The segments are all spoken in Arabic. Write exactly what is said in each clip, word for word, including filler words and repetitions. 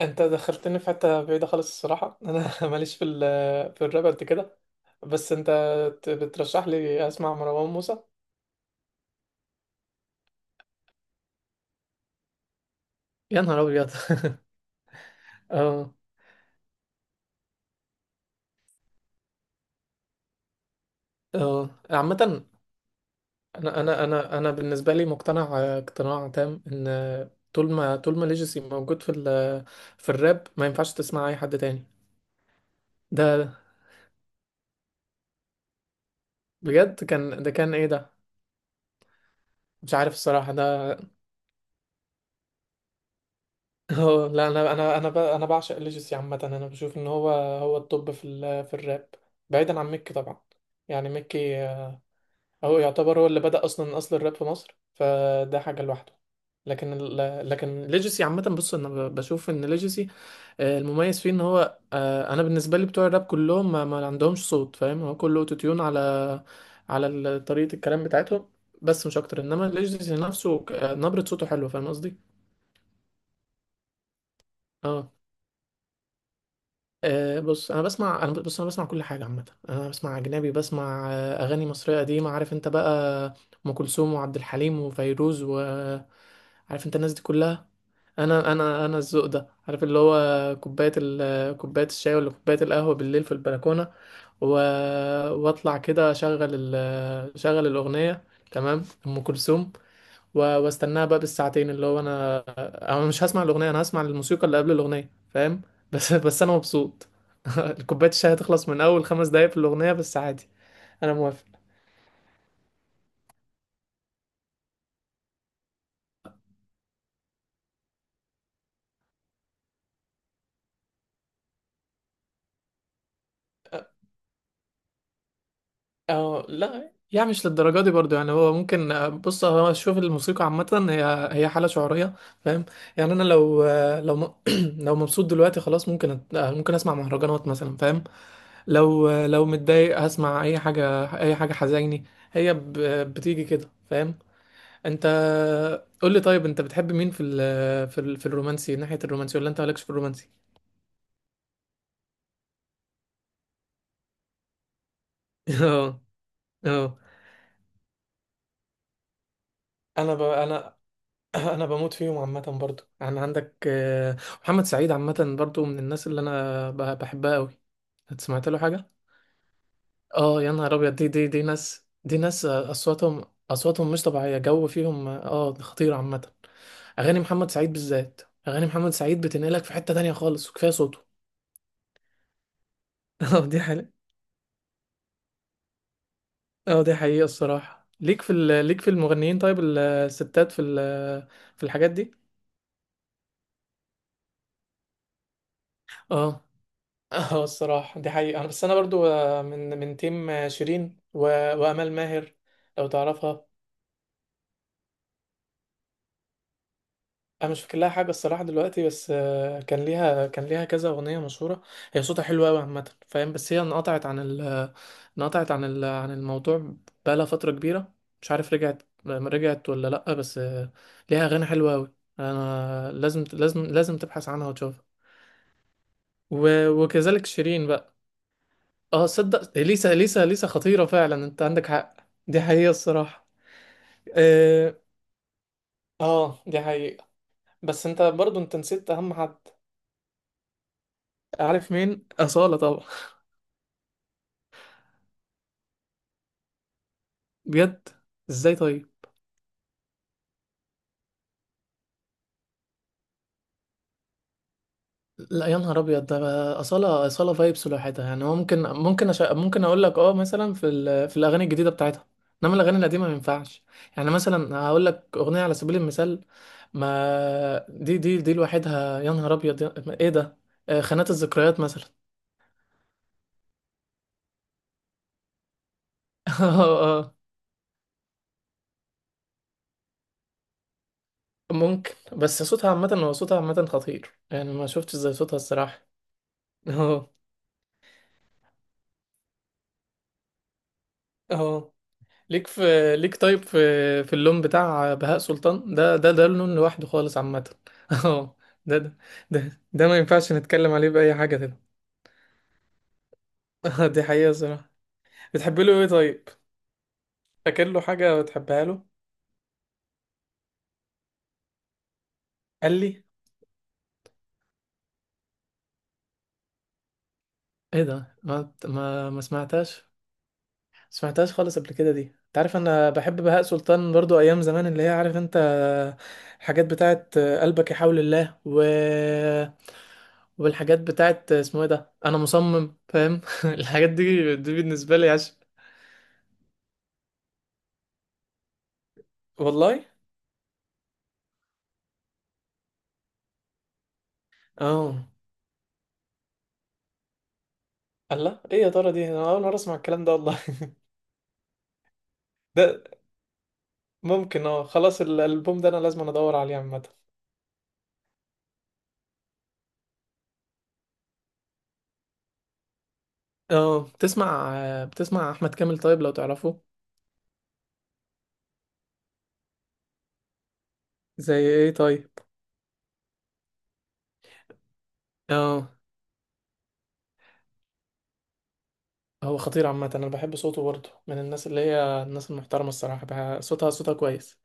انت دخلتني في حته بعيده خالص الصراحه. انا ماليش في ال في الراب قد كده. بس انت ت- بترشح لي اسمع مروان موسى؟ يا نهار ابيض! اه. اه عامه، انا انا انا انا بالنسبه لي مقتنع، آه، اقتناع تام، ان آه، طول ما طول ما ليجاسي موجود في ال في الراب، ما ينفعش تسمع اي حد تاني. ده بجد كان، ده كان ايه ده؟ مش عارف الصراحه ده. اه لا، انا انا انا ب- انا بعشق ليجسي عامه. انا بشوف ان هو هو التوب في ال- في الراب، بعيدا عن ميكي طبعا. يعني ميكي آه، هو يعتبر، هو اللي بدأ اصلا اصل الراب في مصر، فده حاجه لوحده. لكن ال... لكن ليجسي عامه، بص انا ب- بشوف ان ليجسي آه، المميز فيه ان هو، آه، انا بالنسبه لي بتوع الراب كلهم ما, ما عندهمش صوت، فاهم؟ هو كله اوتو تيون على على ال- طريقه الكلام بتاعتهم، بس مش اكتر. انما ليجسي نفسه ك- آه، نبره صوته حلوه، فاهم قصدي؟ اه. أه بص، انا بسمع انا بص انا بسمع كل حاجه عامه. انا بسمع اجنبي، بسمع آه، اغاني مصريه قديمه، عارف انت بقى، ام كلثوم وعبد الحليم وفيروز و... عارف انت الناس دي كلها. انا انا انا الذوق ده، عارف اللي هو كوبايه ال... كوبايه الشاي، ولا كوبايه القهوه بالليل في البلكونه، و... واطلع كده اشغل ال... اشغل الاغنيه. تمام، ام كلثوم، و- واستناها بقى بالساعتين، اللي هو انا انا مش هسمع الاغنيه، انا هسمع الموسيقى اللي قبل الاغنيه، فاهم؟ بس بس انا مبسوط. كوبايه الشاي هتخلص من اول خمس دقايق في الاغنيه، بس عادي. انا موافق. اه لا، يعني مش للدرجه دي برضو. يعني هو ممكن، آه، بص هو، شوف الموسيقى عامه هي هي حاله شعوريه، فاهم؟ يعني انا لو آه، لو م- لو مبسوط دلوقتي خلاص، ممكن أت- آه، ممكن اسمع مهرجانات مثلا، فاهم؟ لو آه، لو متضايق، هسمع اي حاجه، اي حاجه حزيني. هي ب- بتيجي كده، فاهم؟ انت قول لي طيب، انت بتحب مين في ال في ال في الرومانسي، ناحية الرومانسي، ولا انت مالكش في الرومانسي؟ اه. اه انا ب... انا انا بموت فيهم عامة برضو. يعني عندك آه، محمد سعيد عامة، برضو من الناس اللي انا ب- بحبها قوي. انت سمعت له حاجة؟ اه يا نهار ابيض، دي دي دي ناس، دي ناس اصواتهم، اصواتهم مش طبيعية، جو فيهم، اه خطير عامة. اغاني محمد سعيد بالذات، اغاني محمد سعيد بتنقلك في حتة تانية خالص، وكفاية صوته. اه دي حقيقة. اه دي حقيقة الصراحة. ليك في ال- ليك في المغنيين طيب؟ ال- الستات في ال- في الحاجات دي؟ اه. اه الصراحة دي حقيقة. أنا- بس انا برضو آه، من من تيم آه، شيرين و- وامال ماهر، لو تعرفها. انا مش فاكر لها حاجه الصراحه دلوقتي، بس آه، كان ليها كان ليها كذا اغنيه مشهوره. هي صوتها حلو قوي عامه، فاهم؟ بس هي انقطعت عن ال انقطعت عن ال عن الموضوع، بقالها فتره كبيره. مش عارف رجعت رجعت ولا لا، بس آه، ليها اغاني حلوه قوي. انا لازم لازم لازم تبحث عنها وتشوفها. و- وكذلك شيرين بقى. اه صدق، ليسا ليسا ليسا خطيره فعلا، انت عندك حق. دي حقيقه الصراحه. اه آه، دي حقيقه. بس انت برضو، انت نسيت اهم حد. عارف مين؟ أصالة طبعا. بجد؟ ازاي طيب؟ لا يا نهار ابيض، ده اصاله، اصاله فايبس لوحدها. يعني هو ممكن ممكن أش... ممكن اقول لك اه مثلا في ال... في الاغاني الجديده بتاعتها، انما الاغاني القديمه ما ينفعش. يعني مثلا هقول لك اغنيه على سبيل المثال، ما دي دي دي لوحدها، يا نهار ابيض، يا... ايه ده آه، خانات الذكريات مثلا. اه. اه ممكن، بس صوتها عامه، هو صوتها عامه خطير، يعني ما شفتش زي صوتها الصراحه. اه. اه ليك في ليك طيب في في اللون بتاع بهاء سلطان، ده ده ده لون لوحده خالص عامة. اه. ده ده ده ده ما ينفعش نتكلم عليه بأي حاجة كده. دي حقيقة صراحة. بتحب له ايه طيب؟ فاكر له حاجة بتحبها له؟ قال لي؟ ايه ده، ما ما ما سمعتهاش؟ سمعتهاش خالص قبل كده؟ دي انت عارف انا بحب بهاء سلطان برضو، ايام زمان اللي هي عارف انت، الحاجات بتاعت قلبك يحاول الله، و والحاجات بتاعت اسمه ايه ده، انا مصمم، فاهم؟ الحاجات دي دي بالنسبه لي عشق. والله؟ اه الله، ايه يا ترى دي، انا اول مره اسمع الكلام ده والله. ده ممكن، اه خلاص ال- الالبوم ده انا لازم ادور عليه عامه. اه بتسمع، بتسمع احمد كامل طيب لو تعرفه؟ زي ايه طيب؟ اه. هو خطير عامة، أنا بحب صوته برضه. من الناس اللي هي الناس المحترمة الصراحة بقى، صوتها صوتها كويس.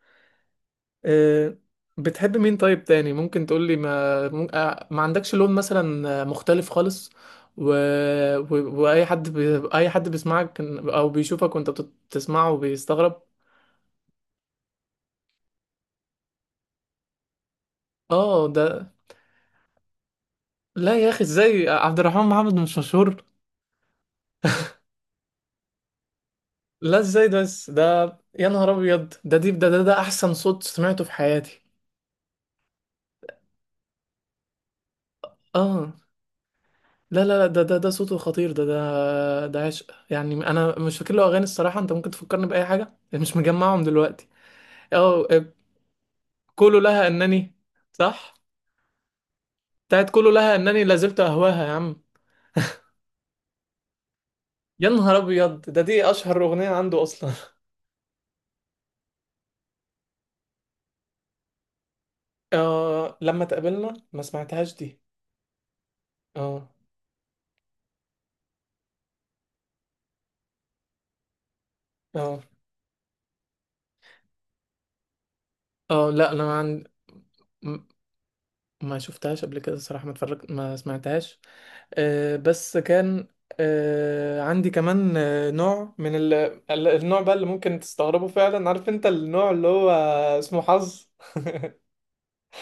أه. بتحب مين طيب تاني ممكن تقولي، ما مم- آه، ما عندكش لون مثلا مختلف خالص، و... و... وأي حد بي... أي حد بيسمعك أو بيشوفك وأنت بت- بتسمعه وبيستغرب؟ اه ده؟ لا يا أخي، ازاي عبد الرحمن محمد مش مشهور؟ لا ازاي ده بس ده. يا نهار أبيض، ده دي ده, ده ده أحسن صوت سمعته في حياتي. اه. لا لا لا ده ده ده صوته خطير. ده ده ده عشق. يعني انا مش فاكر له اغاني الصراحه، انت ممكن تفكرني باي حاجه، يعني مش مجمعهم دلوقتي. او كله لها انني؟ صح. بتاعت كله لها انني لازلت اهواها، يا عم! يا نهار ابيض، ده دي اشهر اغنيه عنده اصلا. آه لما تقابلنا، ما سمعتهاش دي. اه. اه. اه لا انا ما عندي، م- ما شفتهاش قبل كده الصراحه، ما اتفرجت، ما سمعتهاش. آه، بس كان آه، عندي كمان آه، نوع من ال... ال- النوع بقى اللي ممكن تستغربه فعلا، عارف انت النوع اللي هو اسمه حظ.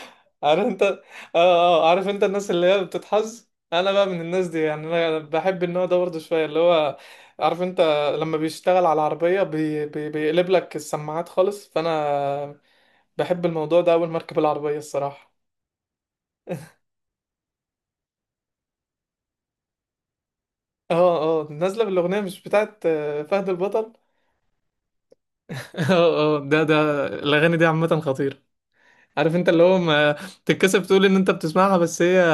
عارف انت، اه. اه عارف انت الناس اللي هي بتتحظ، انا بقى من الناس دي. يعني انا بحب النوع ده برضه شويه، اللي هو عارف انت، لما بيشتغل على العربيه بي... بي... بيقلب لك السماعات خالص، فانا بحب الموضوع ده اول ما اركب العربيه الصراحه. اه. اه نازله بالاغنيه، مش بتاعت آه، فهد البطل؟ اه. اه ده ده الاغاني دي عامه خطيره. عارف انت اللي هو ما تتكسف تقول ان انت بتسمعها، بس هي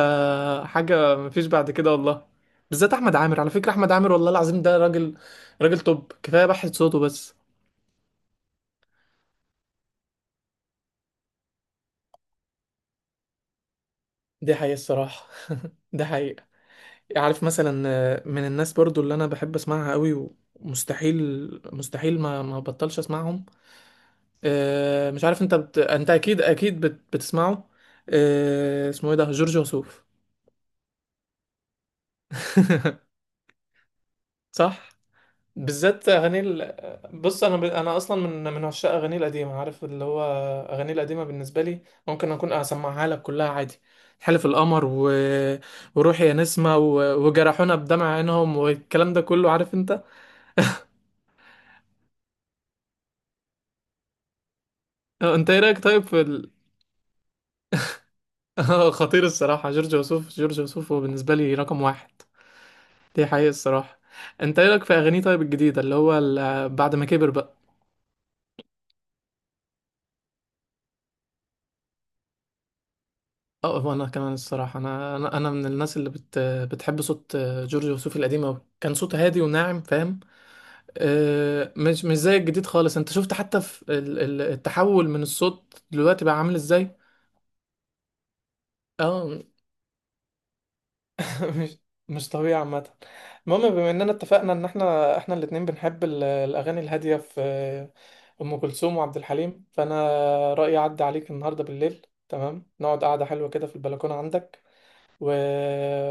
حاجه مفيش بعد كده والله. بالذات احمد عامر، على فكره احمد عامر، والله العظيم ده راجل، راجل توب، كفايه بحث صوته بس. دي حقيقه الصراحه. ده حقيقه. عارف مثلا آه، من الناس برضو اللي انا بحب اسمعها قوي، ومستحيل مستحيل ما ما بطلش اسمعهم، آه، مش عارف انت بت... انت اكيد اكيد بت... بتسمعه، آه، اسمه ايه ده، جورج وسوف. صح. بالذات اغاني ال... بص انا ب... انا اصلا من من عشاق اغاني القديمه، عارف اللي هو اغاني القديمه بالنسبه لي، ممكن اكون اسمعها لك كلها عادي. حلف القمر، و... وروحي يا نسمه، و... وجرحونا بدمع عينهم، والكلام ده كله، عارف انت. آه، انت ايه رايك طيب في ال... آه، خطير الصراحه، جورج وسوف جورج وسوف هو بالنسبه لي رقم واحد. دي حقيقه الصراحه. انت ايه رايك في اغانيه طيب الجديده، اللي هو ال... بعد ما كبر بقى؟ اه وانا كمان الصراحه، انا انا انا من الناس اللي بت بتحب صوت جورج وسوف القديم أوي، كان صوته هادي وناعم، فاهم؟ آه، مش مش زي الجديد خالص. انت شفت حتى في ال- ال- التحول من الصوت دلوقتي بقى عامل ازاي؟ اه. مش مش طبيعي عامه. المهم، بما اننا اتفقنا ان احنا احنا الاتنين بنحب ال- الاغاني الهاديه في ام كلثوم وعبد الحليم، فانا رايي اعدي عليك النهارده بالليل، تمام؟ نقعد قعده حلوه كده في البلكونه عندك، و...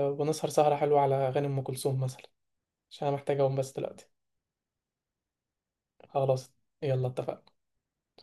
ونسهر سهرة حلوة على أغاني أم كلثوم مثلا. عشان أنا محتاج أقوم بس دلوقتي. خلاص، يلا اتفقنا.